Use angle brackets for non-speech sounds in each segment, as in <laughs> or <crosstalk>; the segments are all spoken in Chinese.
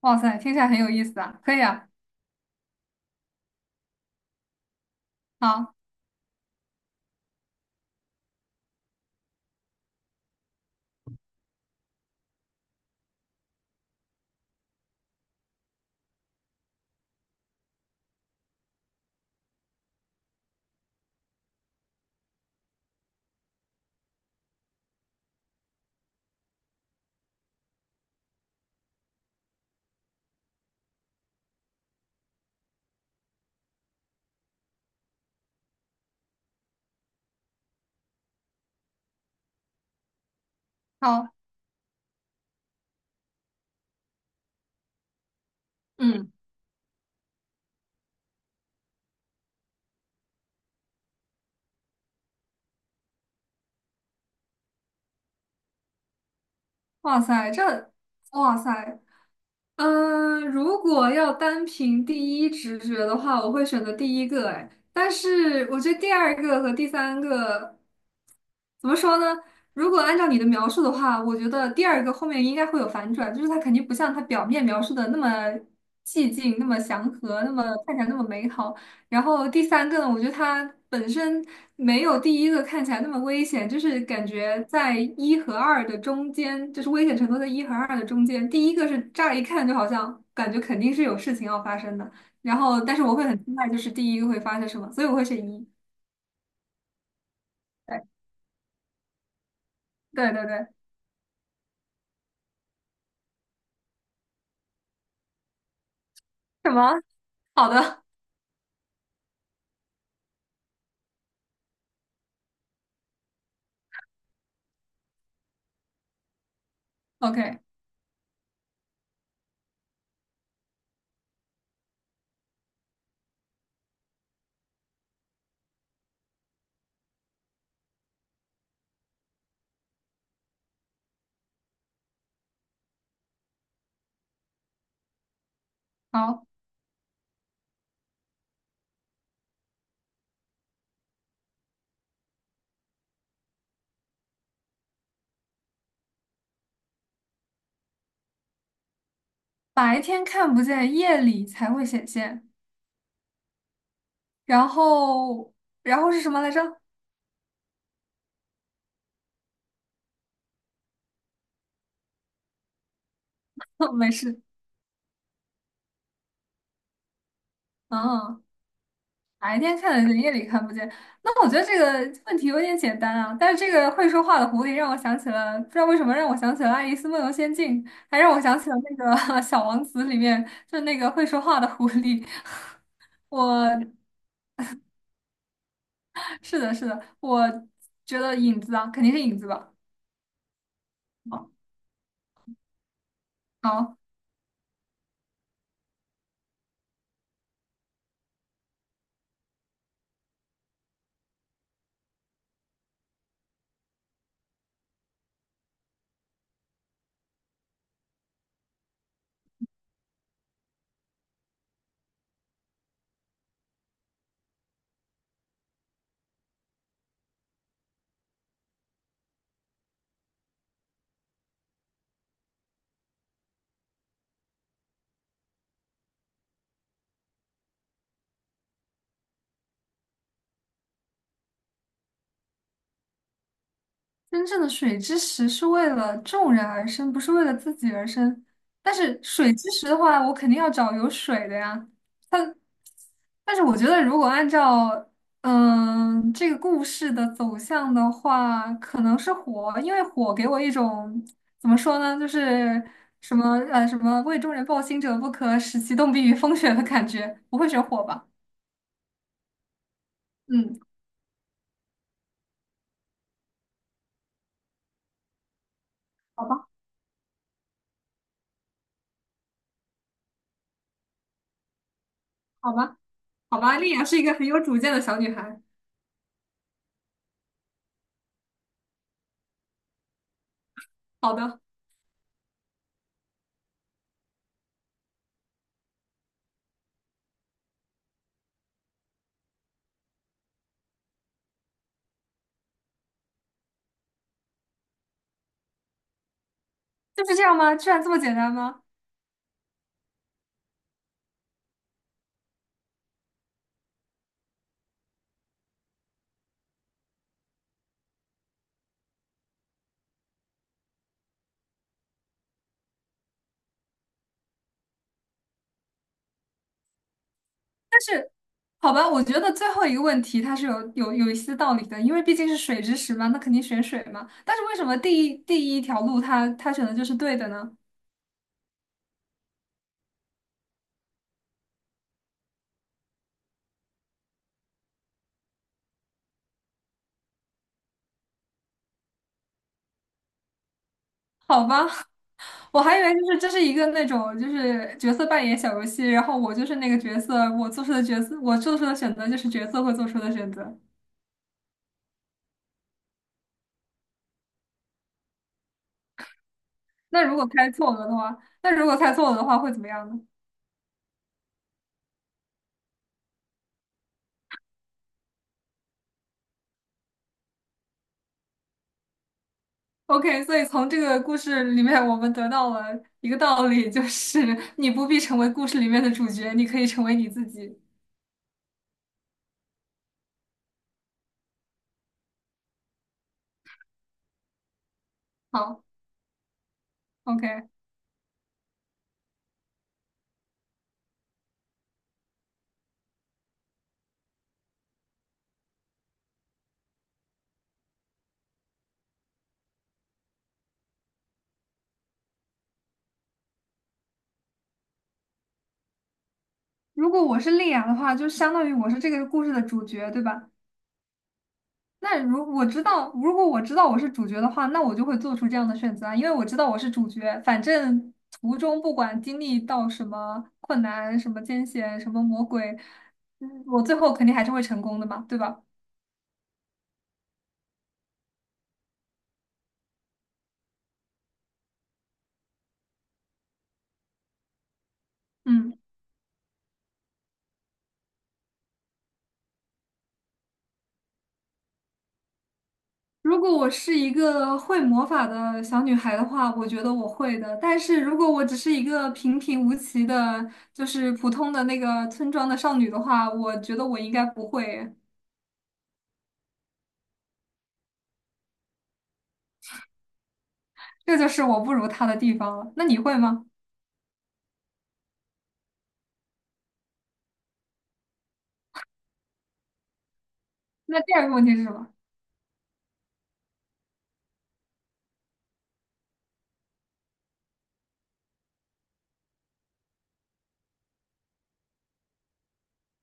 哇塞，听起来很有意思啊！可以啊，好，好，嗯，哇塞，哇塞，如果要单凭第一直觉的话，我会选择第一个，哎，但是我觉得第二个和第三个怎么说呢？如果按照你的描述的话，我觉得第二个后面应该会有反转，就是它肯定不像它表面描述的那么寂静、那么祥和、那么看起来那么美好。然后第三个呢，我觉得它本身没有第一个看起来那么危险，就是感觉在一和二的中间，就是危险程度在一和二的中间。第一个是乍一看就好像感觉肯定是有事情要发生的，然后但是我会很期待就是第一个会发生什么，所以我会选一。对对对对，什么？好的，OK，好，白天看不见，夜里才会显现。然后，然后是什么来着？<laughs> 没事，嗯。白天看得见，夜里看不见。那我觉得这个问题有点简单啊。但是这个会说话的狐狸让我想起了，不知道为什么让我想起了《爱丽丝梦游仙境》，还让我想起了那个 <laughs>《小王子》里面，就是那个会说话的狐狸。<laughs> 我是的，是的，我觉得影子啊，肯定是影子吧。好，好，真正的水之石是为了众人而生，不是为了自己而生。但是水之石的话，我肯定要找有水的呀。它。但是我觉得，如果按照这个故事的走向的话，可能是火，因为火给我一种怎么说呢，就是什么为众人抱薪者不可，使其冻毙于风雪的感觉，不会选火吧。嗯，好吧，好吧，好吧，丽雅是一个很有主见的小女孩。好的，就是这样吗？居然这么简单吗？好吧，我觉得最后一个问题它是有一些道理的，因为毕竟是水之石嘛，那肯定选水嘛。但是为什么第一条路它选的就是对的呢？好吧，<laughs> 我还以为就是这是一个那种就是角色扮演小游戏，然后我就是那个角色，我做出的选择就是角色会做出的选择。那如果猜错了的话，那如果猜错了的话会怎么样呢？OK，所以从这个故事里面，我们得到了一个道理，就是你不必成为故事里面的主角，你可以成为你自己。好，OK。如果我是丽雅的话，就相当于我是这个故事的主角，对吧？那如我知道，如果我知道我是主角的话，那我就会做出这样的选择啊，因为我知道我是主角。反正途中不管经历到什么困难、什么艰险、什么魔鬼，我最后肯定还是会成功的嘛，对吧？嗯。如果我是一个会魔法的小女孩的话，我觉得我会的。但是如果我只是一个平平无奇的，就是普通的那个村庄的少女的话，我觉得我应该不会。这就是我不如她的地方了。那你会吗？那第二个问题是什么？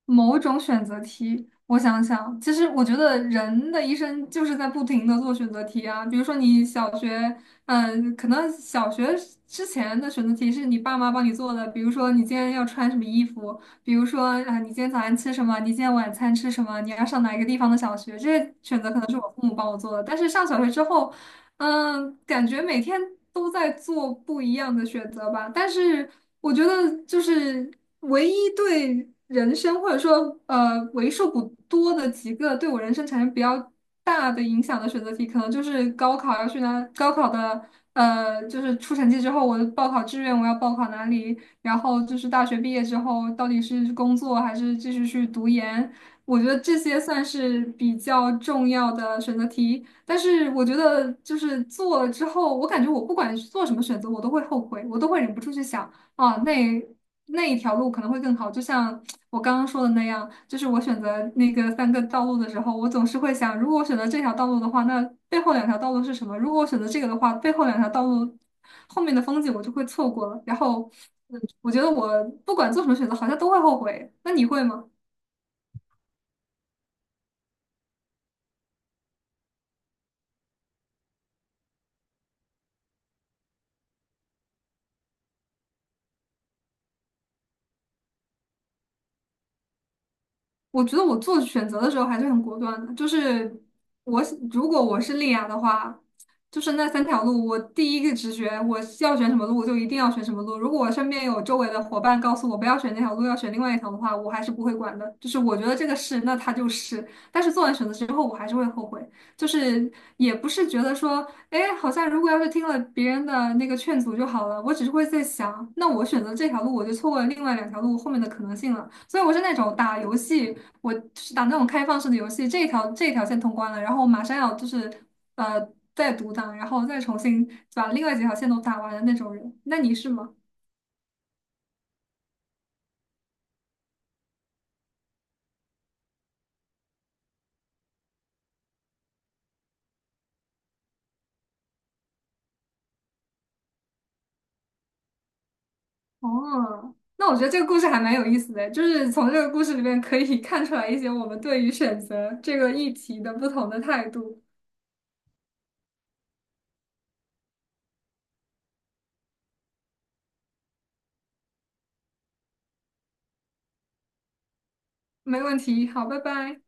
某种选择题，我想想，其实我觉得人的一生就是在不停的做选择题啊。比如说你小学，嗯，可能小学之前的选择题是你爸妈帮你做的，比如说你今天要穿什么衣服，比如说啊，你今天早餐吃什么，你今天晚餐吃什么，你要上哪一个地方的小学，这些选择可能是我父母帮我做的。但是上小学之后，嗯，感觉每天都在做不一样的选择吧，但是我觉得就是唯一对人生或者说为数不多的几个对我人生产生比较大的影响的选择题，可能就是高考要去哪，高考的就是出成绩之后，我的报考志愿我要报考哪里，然后就是大学毕业之后到底是工作还是继续去读研，我觉得这些算是比较重要的选择题。但是我觉得就是做了之后，我感觉我不管是做什么选择，我都会后悔，我都会忍不住去想啊，那一条路可能会更好。就像我刚刚说的那样，就是我选择那个三个道路的时候，我总是会想，如果我选择这条道路的话，那背后两条道路是什么？如果我选择这个的话，背后两条道路后面的风景我就会错过了。然后，嗯，我觉得我不管做什么选择，好像都会后悔。那你会吗？我觉得我做选择的时候还是很果断的，就是我如果我是丽雅的话，就是那三条路，我第一个直觉我是要选什么路，我就一定要选什么路。如果我身边有周围的伙伴告诉我不要选那条路，要选另外一条的话，我还是不会管的。就是我觉得这个是，那它就是。但是做完选择之后，我还是会后悔，就是也不是觉得说。哎，好像如果要是听了别人的那个劝阻就好了，我只是会在想，那我选择这条路，我就错过了另外两条路后面的可能性了。所以我是那种打游戏，我就是打那种开放式的游戏，这一条线通关了，然后我马上要就是呃再独档，然后再重新把另外几条线都打完的那种人。那你是吗？哦，那我觉得这个故事还蛮有意思的，就是从这个故事里面可以 <laughs> 看出来一些我们对于选择这个议题的不同的态度。没问题，好，拜拜。